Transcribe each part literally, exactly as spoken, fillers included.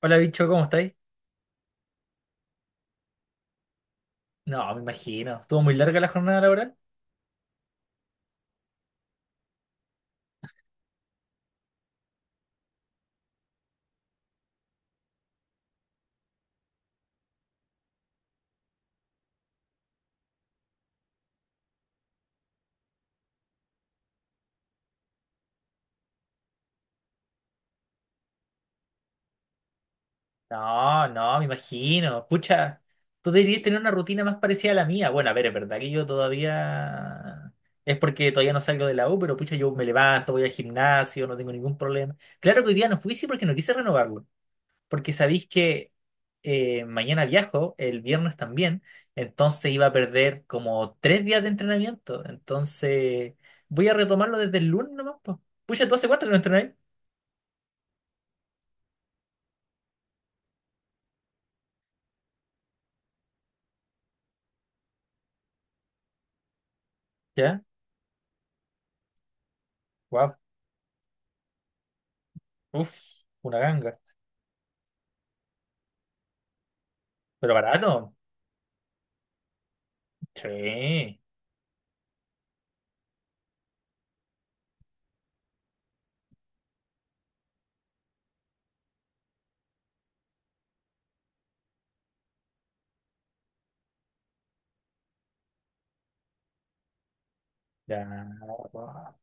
Hola, bicho, ¿cómo estáis? No, me imagino. ¿Estuvo muy larga la jornada laboral? No, no, me imagino. Pucha, tú deberías tener una rutina más parecida a la mía. Bueno, a ver, es verdad que yo todavía. Es porque todavía no salgo de la U, pero pucha, yo me levanto, voy al gimnasio, no tengo ningún problema. Claro que hoy día no fui, sí, porque no quise renovarlo. Porque sabéis que eh, mañana viajo, el viernes también, entonces iba a perder como tres días de entrenamiento. Entonces voy a retomarlo desde el lunes nomás, po. Pucha, ¿tú hace cuánto que no entrenáis? ¿Ya? Wow. Uf, una ganga. Pero barato. Sí. Ya. Guau.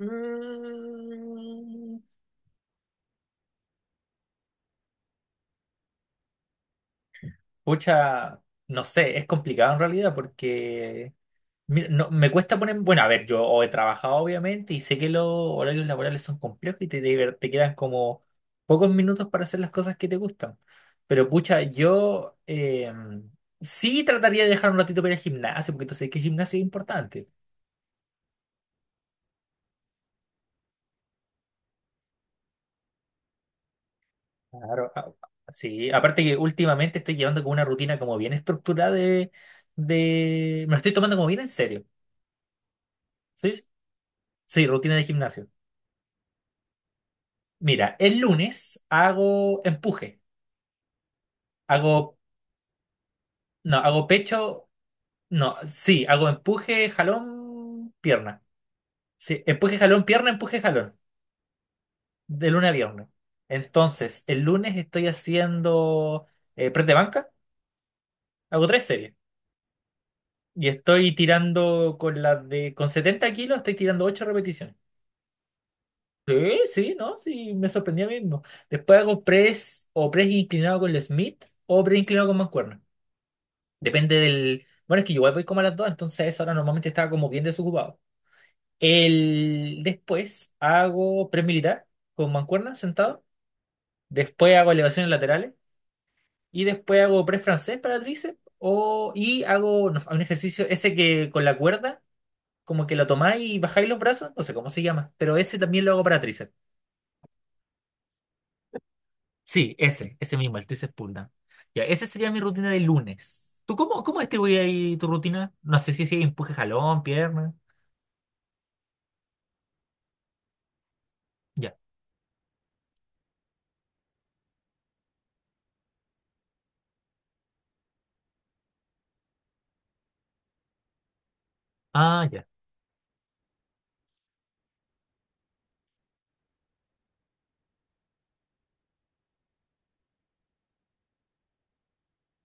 Mm, pucha, no sé, es complicado en realidad porque mira, no, me cuesta poner, bueno, a ver, yo o he trabajado obviamente y sé que los horarios laborales son complejos y te, te te quedan como pocos minutos para hacer las cosas que te gustan. Pero pucha, yo eh, sí trataría de dejar un ratito para ir al gimnasio porque tú sabes que el gimnasio es importante. Claro, a- sí, aparte que últimamente estoy llevando como una rutina como bien estructurada de, de... Me lo estoy tomando como bien en serio. ¿Sí? Sí, sí, rutina de gimnasio. Mira, el lunes hago empuje. Hago, no, hago pecho, no, sí, hago empuje, jalón, pierna. Sí, empuje, jalón, pierna, empuje, jalón, de lunes a viernes. Entonces, el lunes estoy haciendo eh, press de banca, hago tres series. Y estoy tirando con las de... con setenta kilos estoy tirando ocho repeticiones. Sí, sí, ¿no? Sí, me sorprendía mismo. Después hago press o press inclinado con el Smith o press inclinado con mancuerna. Depende del. Bueno, es que yo igual voy como a las dos, entonces a esa hora normalmente estaba como bien desocupado. El... Después hago press militar con mancuerna sentado. Después hago elevaciones laterales. Y después hago press francés para tríceps. O... Y hago no, un ejercicio ese que con la cuerda como que lo tomáis y bajáis los brazos, no sé cómo se llama, pero ese también lo hago para tríceps. Sí, ese, ese mismo, el tríceps pull down. Ya, esa sería mi rutina de lunes. ¿Tú cómo, cómo distribuís ahí tu rutina? No sé si, si empuje jalón, pierna. Ya. Ah, ya,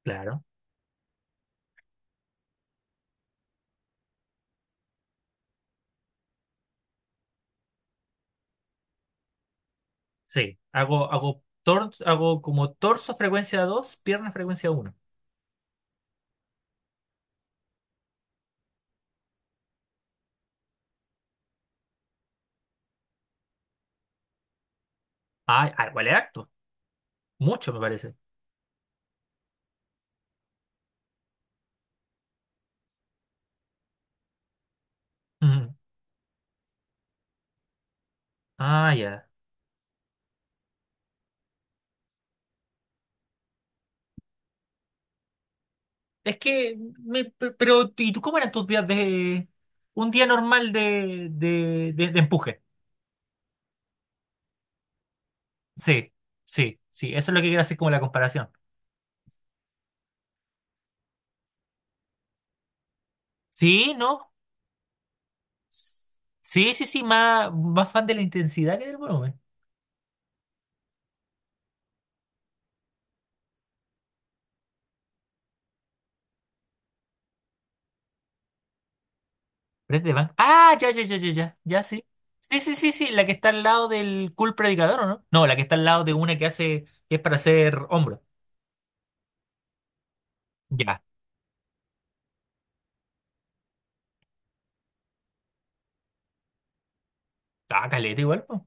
claro. Sí, hago, hago, tor- hago como torso frecuencia dos pierna frecuencia uno. Ah, ah, vale harto. Mucho me parece. Ujú. Ah, ya. Es que, me- pe- pero, ¿y tú cómo eran tus días de un día normal de, de, de- de empuje? Sí, sí, sí, eso es lo que quiero hacer como la comparación. Sí, no. Sí, sí, sí, más, más fan de la intensidad que del volumen. Pero es de Bang. Ah, ya, ya, ya, ya, ya, ya, sí. Sí, sí, sí, sí, la que está al lado del cool predicador, ¿o no? No, la que está al lado de una que hace, que es para hacer hombro. Ya. Ah, caleta igual, pues.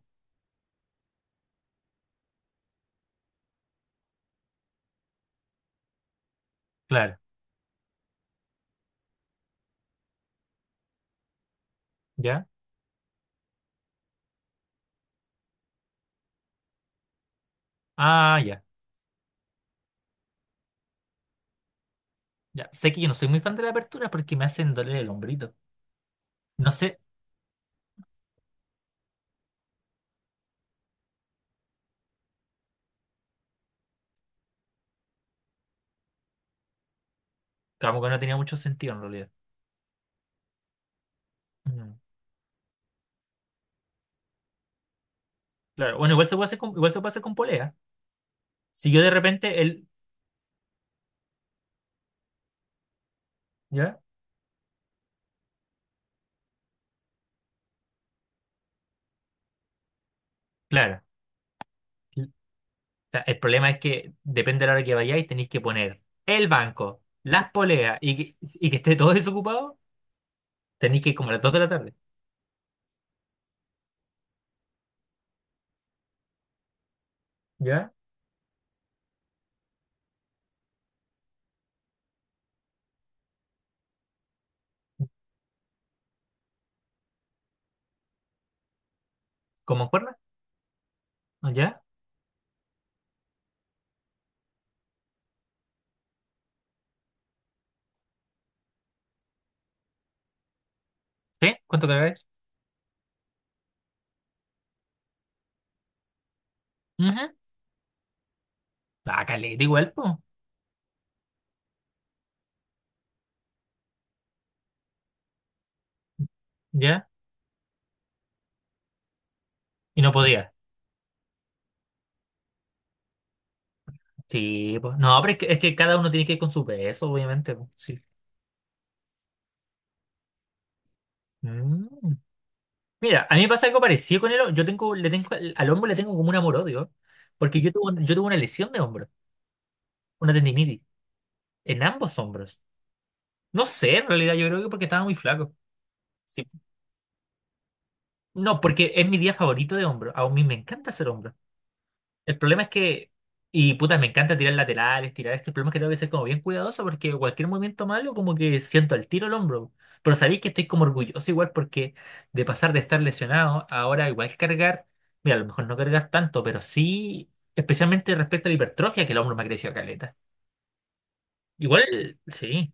Claro, ya. Ah, ya, ya. Sé que yo no soy muy fan de la apertura porque me hacen doler el hombrito. No sé, como que no tenía mucho sentido en realidad. Mm, claro, bueno, igual se puede hacer con, igual se puede hacer con polea. Si yo de repente, el. ¿Ya? Claro. O sea, el problema es que depende de la hora que vayáis, tenéis que poner el banco, las poleas y que, y que esté todo desocupado. Tenéis que ir como a las dos de la tarde. ¿Ya? ¿Como en cuerda? ¿Ya? ¿Sí? ¿Cuánto cargáis? Ujú. Ah, caleta igual, pues. ¿Ya? Y no podía. Sí, pues. No, pero es que, es que cada uno tiene que ir con su peso, obviamente. Po. Sí. Mm. Mira, a mí me pasa algo parecido con el hombro. Yo tengo, le tengo, al al hombro le tengo como un amor-odio. Porque yo tuve, yo tuve una lesión de hombro, una tendinitis, en ambos hombros. No sé, en realidad yo creo que porque estaba muy flaco. Sí. No, porque es mi día favorito de hombro. A mí me encanta hacer hombro. El problema es que, y puta, me encanta tirar laterales, tirar esto. El problema es que tengo que ser como bien cuidadoso porque cualquier movimiento malo como que siento el tiro el hombro. Pero sabéis que estoy como orgulloso igual porque de pasar de estar lesionado, ahora igual cargar, mira, a lo mejor no cargas tanto, pero sí, especialmente respecto a la hipertrofia, que el hombro me ha crecido caleta. Igual, sí.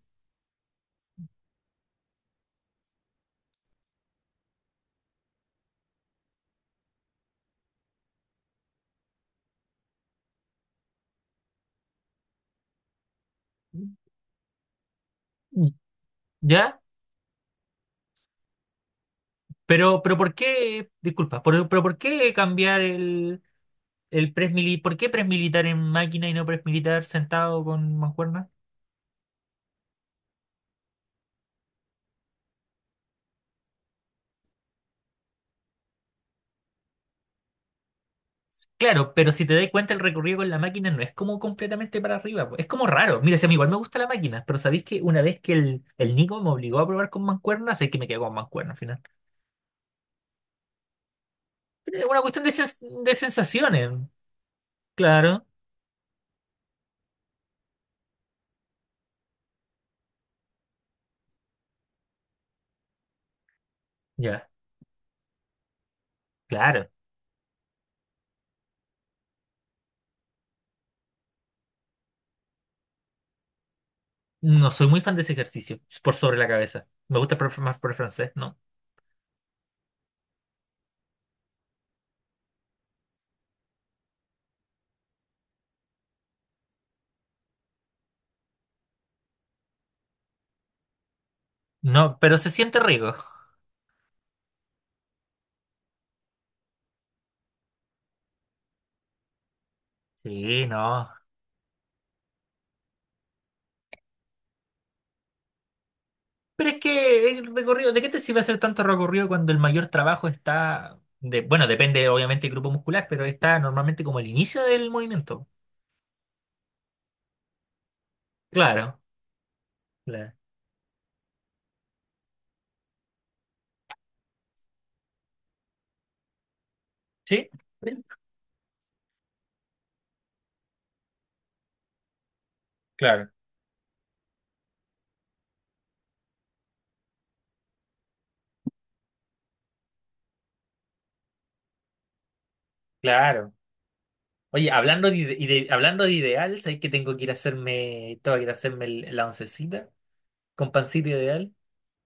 ¿Ya? Pero, pero ¿por qué, disculpa, pero, pero ¿por qué cambiar el, el press mili- ¿Por qué press militar en máquina y no press militar sentado con mancuerna? Claro, pero si te das cuenta el recorrido con la máquina no es como completamente para arriba, po, es como raro. Mira, si a mí igual me gusta la máquina, pero sabéis que una vez que el, el Nico me obligó a probar con mancuerna, sé que me quedo con mancuerna al final. Es una cuestión de, sens- de sensaciones, claro, ya, claro. No soy muy fan de ese ejercicio, por sobre la cabeza. Me gusta el profe- más por el francés, ¿no? No, pero se siente rico. Sí, no. Pero es que el recorrido, ¿de qué te sirve hacer tanto recorrido cuando el mayor trabajo está de, bueno, depende obviamente del grupo muscular, pero está normalmente como el inicio del movimiento? Claro, claro. ¿Sí? Claro, claro. Oye, hablando de, ide- ide- hablando de ideal, ¿sabes que tengo que ir a hacerme, tengo que ir a hacerme el- la oncecita con pancito ideal?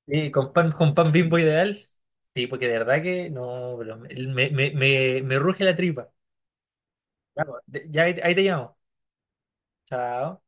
Eh, con pan, con pan Bimbo ideal. Sí, porque de verdad que no, pero me, me, me, me- me ruge la tripa. Ya, pues, de- ya ahí ahí te llamo. Chao.